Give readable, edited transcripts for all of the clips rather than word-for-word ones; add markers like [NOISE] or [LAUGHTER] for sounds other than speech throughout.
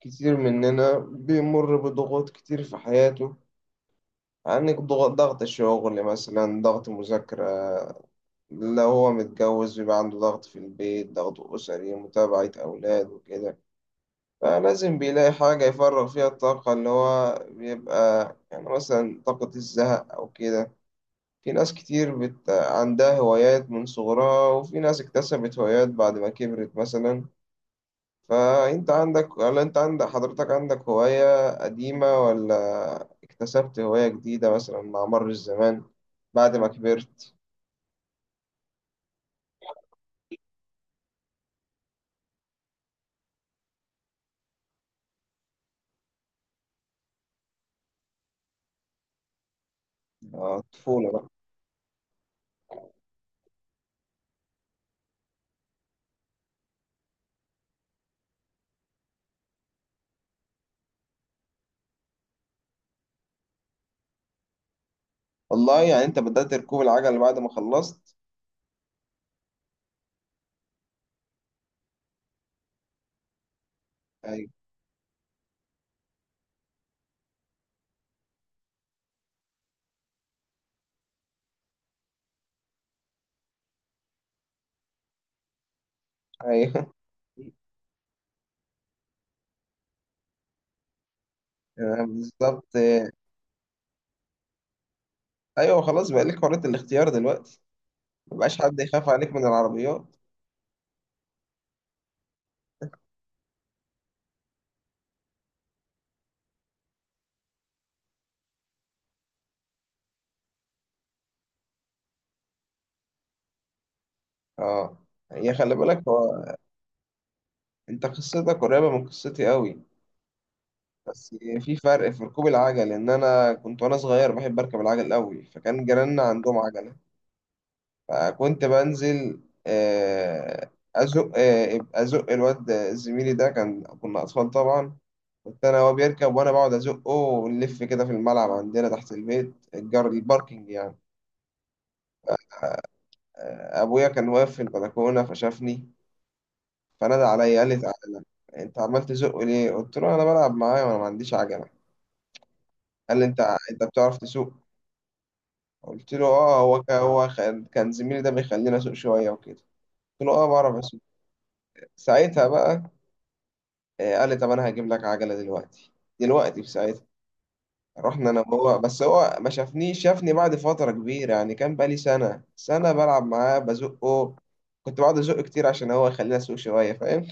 كتير مننا بيمر بضغوط كتير في حياته. عندك ضغط، ضغط الشغل مثلا، ضغط مذاكرة. لو هو متجوز بيبقى عنده ضغط في البيت، ضغط أسري، متابعة أولاد وكده. فلازم بيلاقي حاجة يفرغ فيها الطاقة اللي هو بيبقى يعني مثلا طاقة الزهق أو كده. في ناس كتير عندها هوايات من صغرها، وفي ناس اكتسبت هوايات بعد ما كبرت مثلا. فانت عندك ولا انت عندك، حضرتك عندك هواية قديمة، ولا اكتسبت هواية جديدة مثلا مع مر الزمان بعد ما كبرت؟ طفولة بقى. والله يعني انت بدأت ركوب العجل بعد ما خلصت؟ ايوه. ايوه. [LAUGHS] بالظبط. ايوه خلاص بقى لك حرية الاختيار دلوقتي. مبقاش حد يخاف عليك من العربيات. اه. هي خلي بالك، هو انت قصتك قريبة من قصتي قوي. بس في فرق في ركوب العجل، ان انا كنت وانا صغير بحب اركب العجل قوي، فكان جيراننا عندهم عجله. فكنت بنزل آه، ازق، ازق الواد زميلي ده، كنا اطفال طبعا. كنت انا وهو بيركب وانا بقعد ازقه، ونلف كده في الملعب عندنا تحت البيت، الجار، الباركينج يعني. ابويا كان واقف في البلكونه فشافني، فنادى عليا قال لي تعالى، انت عمال تزق ليه؟ قلت له انا بلعب معاه وانا ما عنديش عجله. قال لي انت بتعرف تسوق؟ قلت له اه، هو كان هو كان كان زميلي ده بيخليني اسوق شويه وكده. قلت له اه بعرف اسوق. ساعتها بقى قال لي طب انا هجيب لك عجله دلوقتي، دلوقتي في ساعتها. رحنا انا وهو، بس هو ما شافنيش، شافني بعد فتره كبيره يعني، كان بقالي سنه بلعب معاه بزقه. كنت بقعد ازقه كتير عشان هو يخليني اسوق شويه، فاهم؟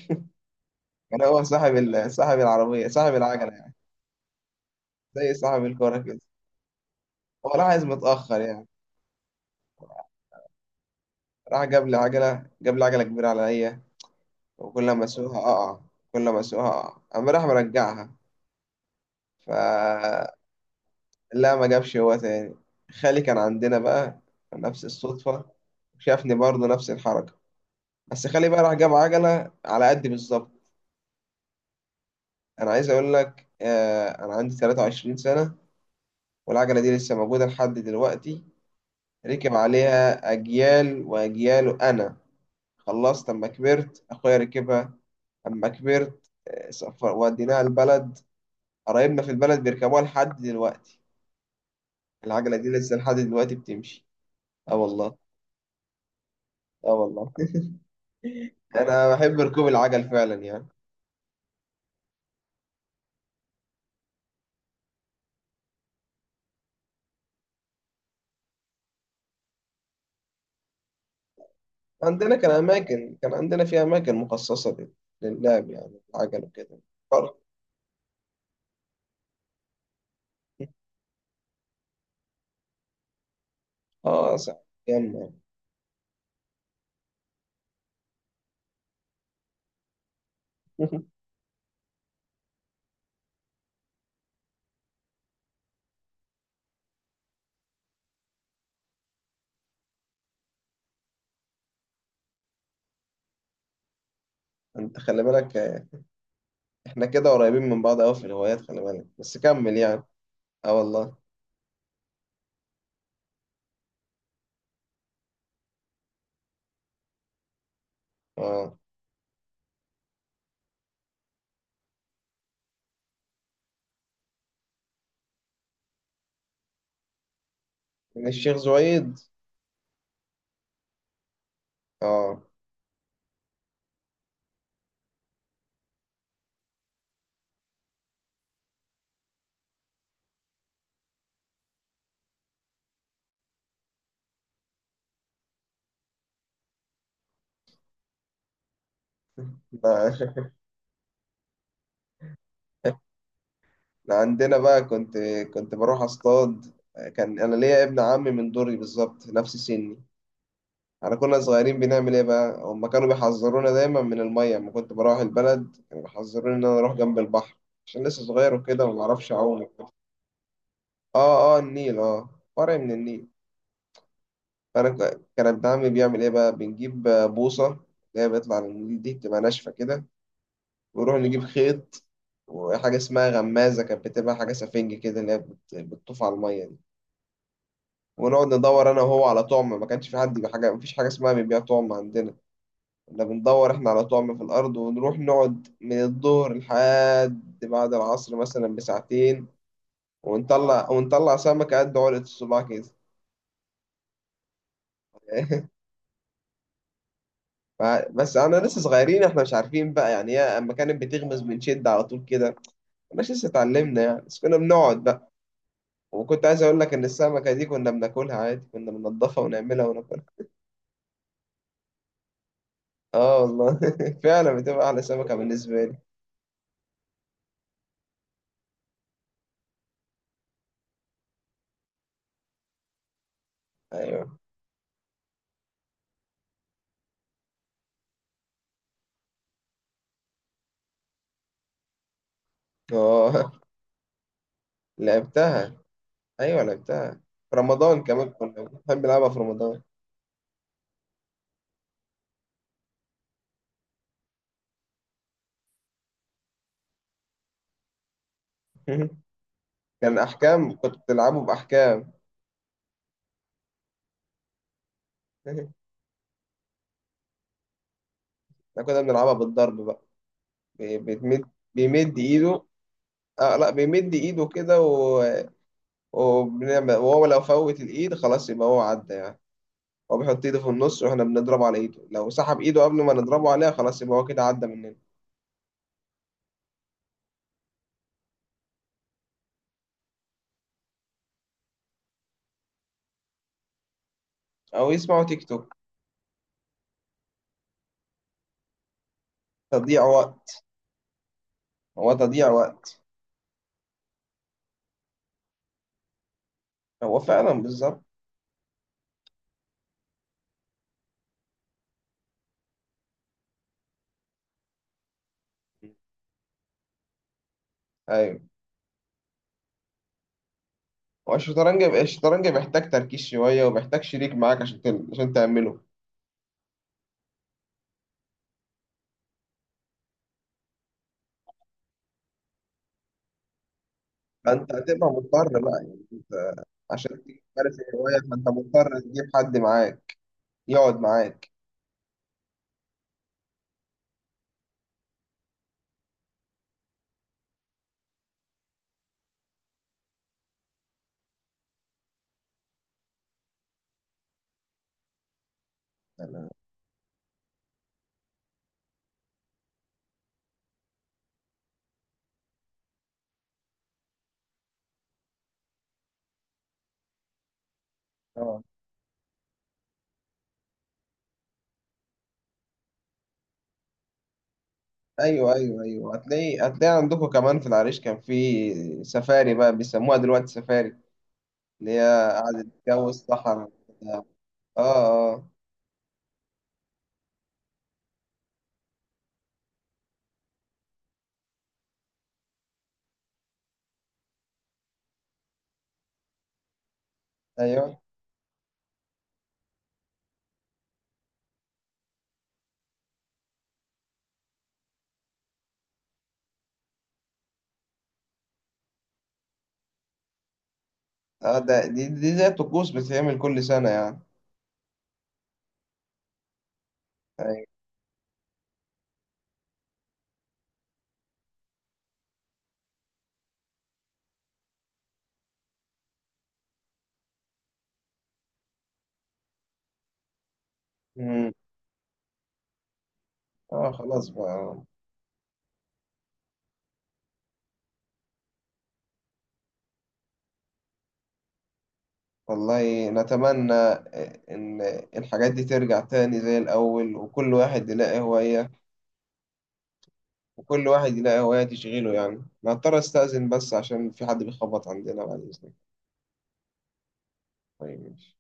[LAUGHS] كان هو صاحب صاحب العربيه، صاحب العجله يعني، زي صاحب الكوره كده. هو راح عايز متاخر يعني، راح جاب لي عجله، جاب لي عجله كبيره عليا، وكل ما اسوقها اقع، كل ما اسوقها اقع، اما راح مرجعها فلا، ما جابش هو تاني. خالي كان عندنا بقى، نفس الصدفة، شافني برضه نفس الحركة، بس خالي بقى راح جاب عجلة على قدي بالظبط. أنا عايز أقول لك، أنا عندي 23 سنة، والعجلة دي لسه موجودة لحد دلوقتي، ركب عليها أجيال وأجيال. أنا خلصت أما كبرت أخويا ركبها، أما كبرت سفر وديناها البلد، قرايبنا في البلد بيركبوها لحد دلوقتي. العجلة دي لسه لحد دلوقتي بتمشي. اه والله. اه والله. [LAUGHS] انا بحب ركوب العجل فعلا يعني. عندنا كان اماكن، كان عندنا في اماكن مخصصة للعب يعني، العجل وكده. فرق. اه صح. كمل. [LAUGHS] انت خلي بالك احنا كده قريبين من بعض قوي في الهوايات، خلي بالك بس كمل يعني. اه والله. اه. من الشيخ زويد. اه. ده- ده [LAUGHS] عندنا بقى كنت بروح اصطاد. كان انا ليا ابن عمي من دوري بالظبط نفس سني. احنا كنا صغيرين، بنعمل ايه بقى؟ هم كانوا بيحذرونا دايما من الميه، لما كنت بروح البلد كانوا بيحذروني ان انا اروح جنب البحر عشان لسه صغير وكده وما اعرفش اعوم وكده. اه اه، النيل، اه فرع من النيل. فانا كان ابن عمي بيعمل ايه بقى، بنجيب بوصه، اللي هي بيطلع من النيل دي، بتبقى ناشفه كده، ونروح نجيب خيط وحاجه اسمها غمازه، كانت بتبقى حاجه سفنج كده، اللي هي بتطوف على الميه دي. ونقعد ندور انا وهو على طعم، ما كانش في حد بحاجه، مفيش حاجه اسمها بيبيع طعم عندنا. كنا بندور احنا على طعم في الأرض، ونروح نقعد من الظهر لحد بعد العصر مثلا بساعتين، ونطلع، ونطلع سمكة قد علقة الصباع كده. [LAUGHS] بس انا لسه صغيرين احنا، مش عارفين بقى يعني، هي اما كانت بتغمز بنشد على طول كده، مش لسه اتعلمنا يعني، بس كنا بنقعد بقى. وكنت عايز اقول لك ان السمكة دي كنا بناكلها عادي، كنا بننضفها ونعملها وناكلها. اه والله، [LAUGHS] فعلا بتبقى احلى سمكة بالنسبة لي. ايوه. اه لعبتها. ايوه لعبتها. في رمضان كمان كنا بنحب نلعبها في رمضان. [LAUGHS] كان احكام، كنت بتلعبه باحكام. [LAUGHS] احنا كنا بنلعبها بالضرب بقى. بيتمد، بيمد ايده. اه لا، بيمد ايده كده و... وبنعمل، وهو لو فوت الايد خلاص يبقى هو عدى يعني. هو بيحط ايده في النص، واحنا بنضربه على ايده، لو سحب ايده قبل ما نضربه عليها خلاص يبقى هو كده عدى مننا. او يسمعوا تيك توك. تضييع وقت، هو تضييع وقت. هو فعلا بالظبط. ايوه. هو الشطرنج، بيحتاج تركيز شوية، وبيحتاج شريك معاك عشان عشان تعمله. فأنت هتبقى مضطر بقى يعني، أنت عشان تمارس الهواية فأنت مضطر تجيب حد معاك، يقعد معاك. أنا... آه. أيوه أيوه أيوه، هتلاقي عندكم كمان في العريش كان في سفاري، بقى بيسموها دلوقتي سفاري، اللي هي قعدت جو الصحراء وبتاع. آه. آه. أيوه. آه ده دي زي الطقوس، بتتعمل كل سنة يعني. أيوه. مم. آه خلاص بقى. والله نتمنى إن الحاجات دي ترجع تاني زي الأول، وكل واحد يلاقي هواية، وكل واحد يلاقي هواية تشغيله يعني. أنا هضطر أستأذن بس، عشان في حد بيخبط عندنا، بعد إذنك. طيب ماشي.